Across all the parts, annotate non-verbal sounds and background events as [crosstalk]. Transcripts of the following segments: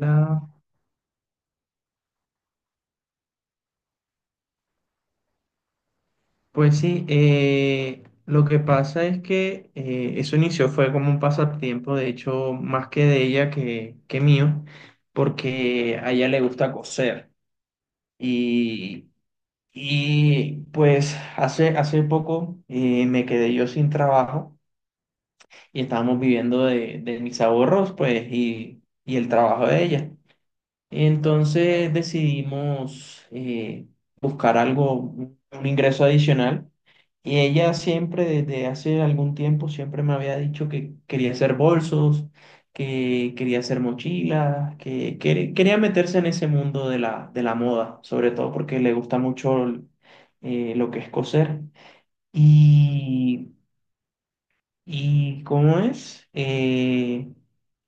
Hola. Pues sí, lo que pasa es que eso inició fue como un pasatiempo, de hecho, más que de ella que mío, porque a ella le gusta coser. Y, y pues hace poco me quedé yo sin trabajo y estábamos viviendo de mis ahorros, pues, y el trabajo de ella. Entonces decidimos buscar algo, un ingreso adicional. Y ella siempre, desde hace algún tiempo, siempre me había dicho que quería hacer bolsos, que quería hacer mochilas, quería meterse en ese mundo de la moda, sobre todo porque le gusta mucho lo que es coser. Y, ¿y cómo es?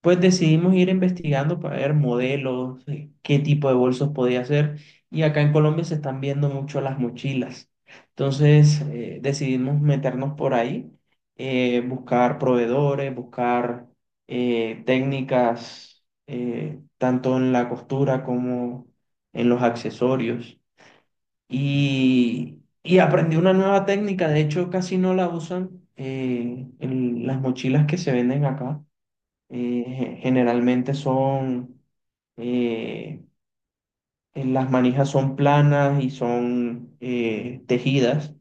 Pues decidimos ir investigando para ver modelos, qué tipo de bolsos podía hacer. Y acá en Colombia se están viendo mucho las mochilas. Entonces decidimos meternos por ahí, buscar proveedores, buscar técnicas, tanto en la costura como en los accesorios. Y aprendí una nueva técnica, de hecho casi no la usan en las mochilas que se venden acá generalmente son, eh, las manijas son planas y son tejidas,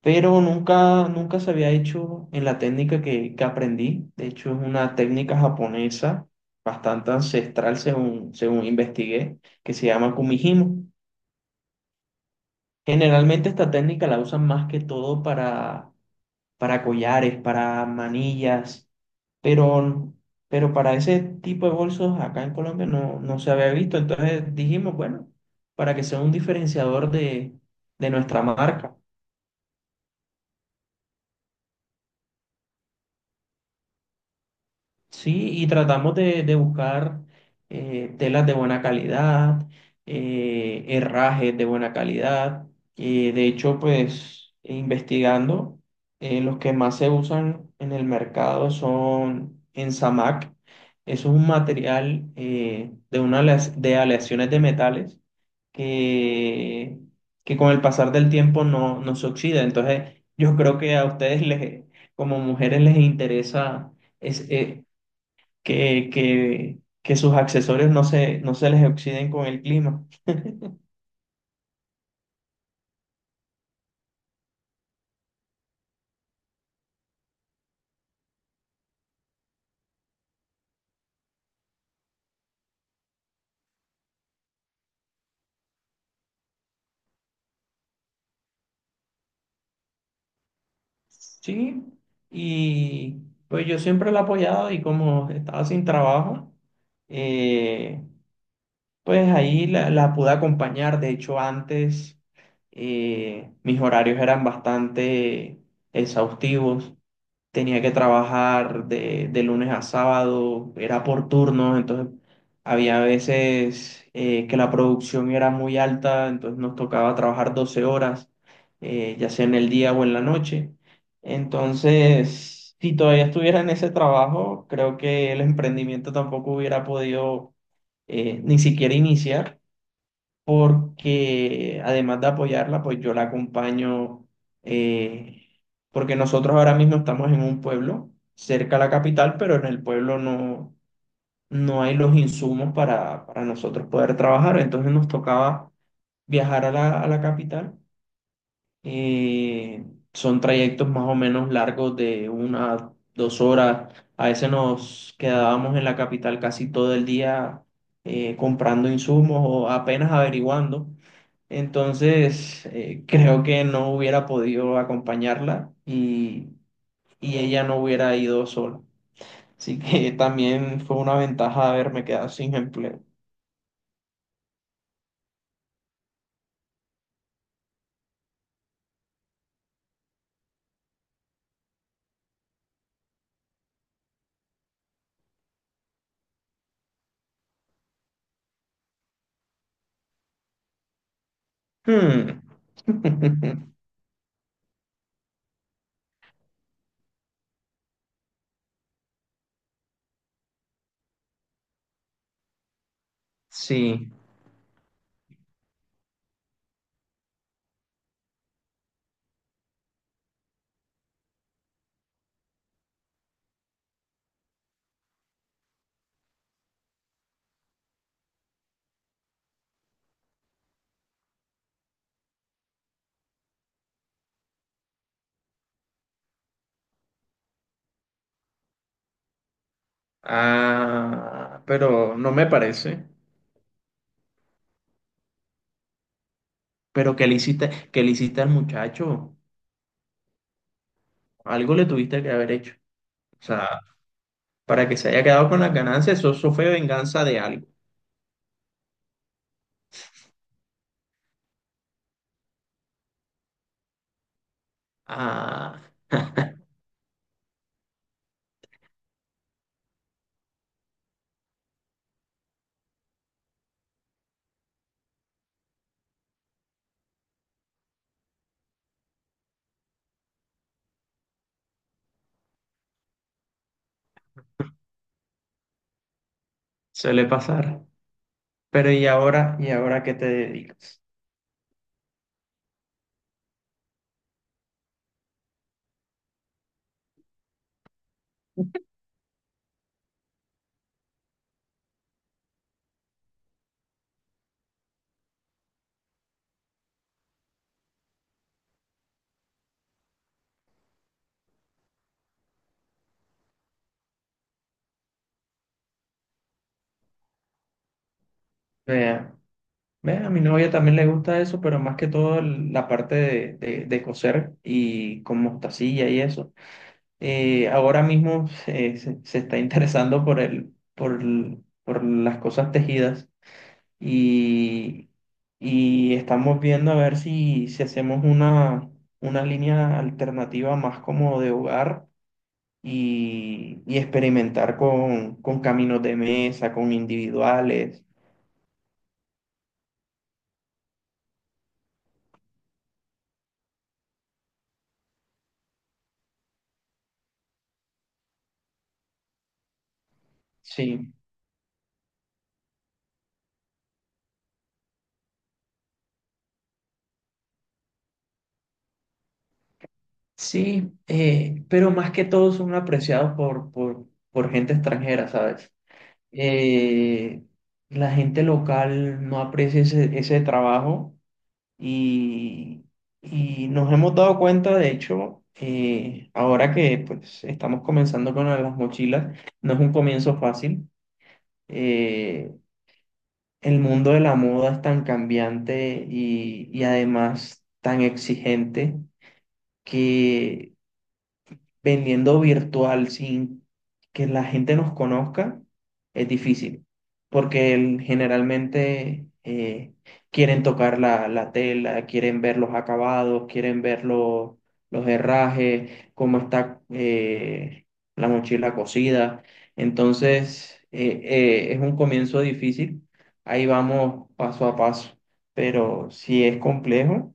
pero nunca, nunca se había hecho en la técnica que aprendí. De hecho, es una técnica japonesa bastante ancestral según, según investigué, que se llama kumihimo. Generalmente esta técnica la usan más que todo para collares, para manillas, pero, pero para ese tipo de bolsos acá en Colombia no, no se había visto. Entonces dijimos, bueno, para que sea un diferenciador de nuestra marca. Sí, y tratamos de buscar telas de buena calidad, herrajes de buena calidad. De hecho, pues investigando, los que más se usan en el mercado son en Samac. Eso es un material de aleaciones de metales que, que con el pasar del tiempo no, no se oxida. Entonces, yo creo que a ustedes les, como mujeres les interesa es que sus accesorios no se, no se les oxiden con el clima. Sí, y pues yo siempre la he apoyado y como estaba sin trabajo, eh, pues ahí la pude acompañar. De hecho, antes mis horarios eran bastante exhaustivos. Tenía que trabajar de lunes a sábado, era por turnos, entonces había veces que la producción era muy alta, entonces nos tocaba trabajar 12 horas, ya sea en el día o en la noche. Entonces, si todavía estuviera en ese trabajo, creo que el emprendimiento tampoco hubiera podido ni siquiera iniciar porque además de apoyarla, pues yo la acompaño, eh, porque nosotros ahora mismo estamos en un pueblo cerca a la capital, pero en el pueblo no, no hay los insumos para nosotros poder trabajar, entonces nos tocaba viajar a la capital eh, son trayectos más o menos largos de una, 2 horas. A veces nos quedábamos en la capital casi todo el día comprando insumos o apenas averiguando. Entonces, creo que no hubiera podido acompañarla y ella no hubiera ido sola. Así que [laughs] también fue una ventaja haberme quedado sin empleo. Hmm. [laughs] Sí. Ah, pero no me parece. Pero qué le hiciste al muchacho? Algo le tuviste que haber hecho. O sea, para que se haya quedado con las ganancias, eso fue venganza de algo. Ah, suele pasar. Pero y ahora qué te dedicas? Vea, vea, a mi novia también le gusta eso, pero más que todo el- la parte de coser y con mostacilla y eso. Ahora mismo se está interesando por el, por el- por las cosas tejidas y, y estamos viendo a ver si, si hacemos una línea alternativa más como de hogar y experimentar con caminos de mesa, con individuales. Sí, sí, pero más que todo son apreciados por gente extranjera, ¿sabes? Eh, la gente local no aprecia ese, ese trabajo. Y, y nos hemos dado cuenta, de hecho, ahora que pues, estamos comenzando con las mochilas, no es un comienzo fácil. Eh, el mundo de la moda es tan cambiante y además tan exigente que vendiendo virtual sin que la gente nos conozca es difícil, porque el- generalmente quieren tocar la tela, quieren ver los acabados, quieren ver los herrajes, cómo está la mochila cosida. Entonces, es un comienzo difícil. Ahí vamos paso a paso, pero si es complejo.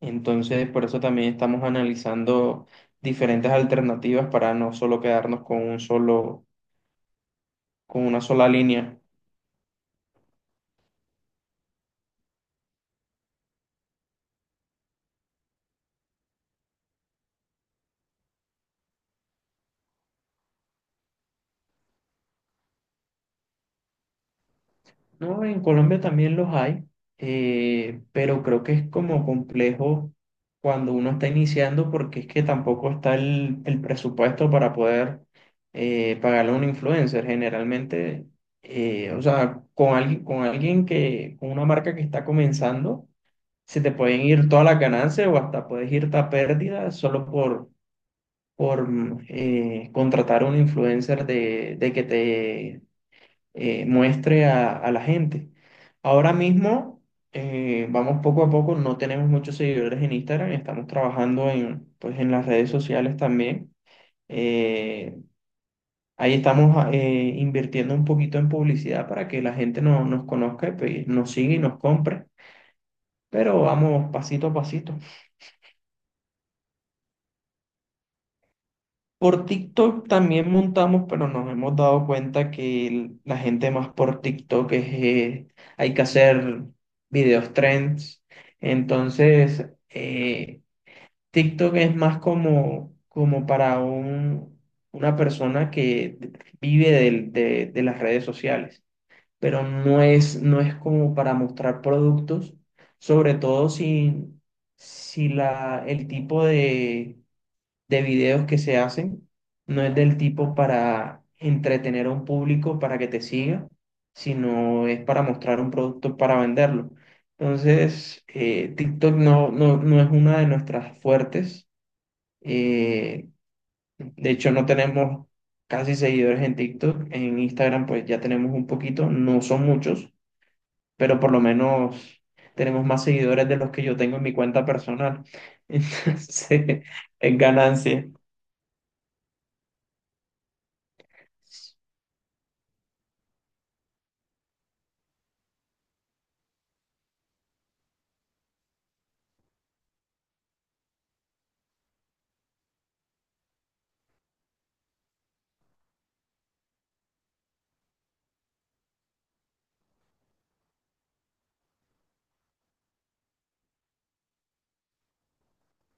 Entonces, por eso también estamos analizando diferentes alternativas para no solo quedarnos con un solo, con una sola línea. No, en Colombia también los hay, pero creo que es como complejo cuando uno está iniciando porque es que tampoco está el presupuesto para poder pagarle a un influencer. Generalmente, o sea, con alguien que, con una marca que está comenzando. Se te pueden ir todas las ganancias o hasta puedes irte a pérdida solo por, por contratar a un influencer de que te muestre a la gente. Ahora mismo, vamos poco a poco, no tenemos muchos seguidores en Instagram, estamos trabajando en, pues, en las redes sociales también. Eh, Ahí estamos invirtiendo un poquito en publicidad para que la gente no, nos conozca y pues, nos siga y nos compre, pero vamos pasito a pasito. Por TikTok también montamos, pero nos hemos dado cuenta que el- la gente más por TikTok es, hay que hacer videos trends. Entonces, TikTok es más como, como para un, una persona que vive del- de las redes sociales, pero no es, no es como para mostrar productos, sobre todo si, si la, el tipo de videos que se hacen. No es del tipo para entretener a un público para que te siga, sino es para mostrar un producto para venderlo. Entonces, TikTok no, no, no es una de nuestras fuertes. Eh, de hecho, no tenemos casi seguidores en TikTok. En Instagram, pues ya tenemos un poquito, no son muchos, pero por lo menos tenemos más seguidores de los que yo tengo en mi cuenta personal. [laughs] Entonces, es ganancia.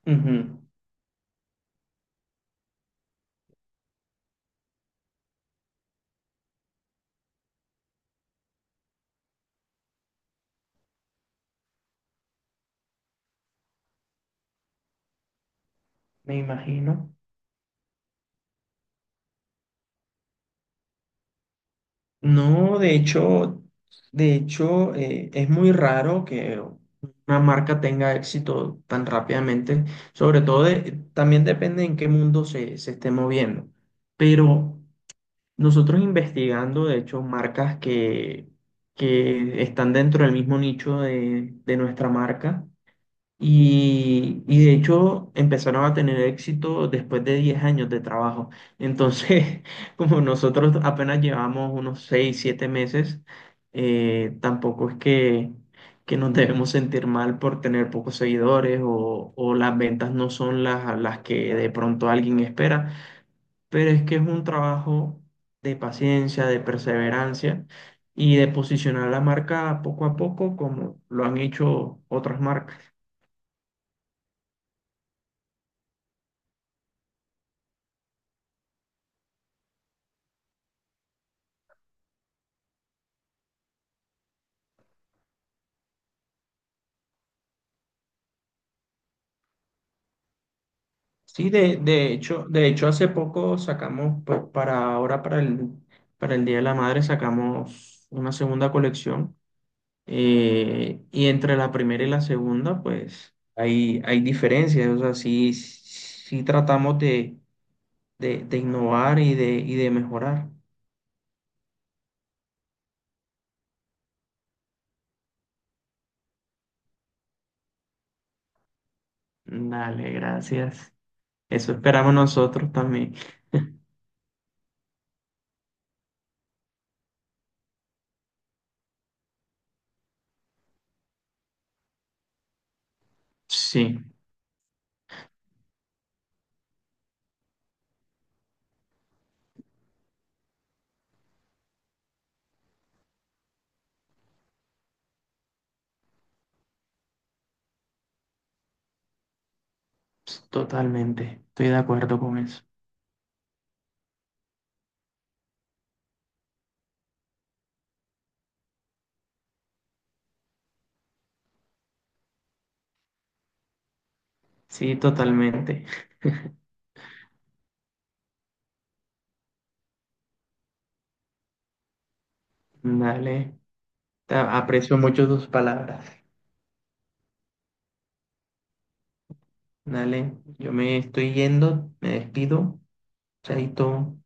Ujú, me imagino. No, de hecho, es muy raro que una marca tenga éxito tan rápidamente, sobre todo de- también depende en qué mundo se, se esté moviendo. Pero nosotros investigando, de hecho, marcas que están dentro del mismo nicho de nuestra marca. Y de hecho empezaron a tener éxito después de 10 años de trabajo. Entonces, [laughs] como nosotros apenas llevamos unos 6 7 meses, tampoco es que nos [laughs] debemos sentir mal por tener pocos seguidores o las ventas no son las que de pronto alguien espera, pero es que es un trabajo de paciencia, de perseverancia y de posicionar la marca poco a poco como lo han hecho otras marcas. Sí, de hecho hace poco sacamos, pues para ahora, para el Día de la Madre, sacamos una segunda colección. Y entre la primera y la segunda, pues hay diferencias. O sea, sí, sí tratamos de innovar y de mejorar. Dale, gracias. Eso esperamos nosotros también. Sí, totalmente. Estoy de acuerdo con eso. Sí, totalmente. Dale. Te aprecio mucho tus palabras. Dale, yo me estoy yendo, me despido. Chaito.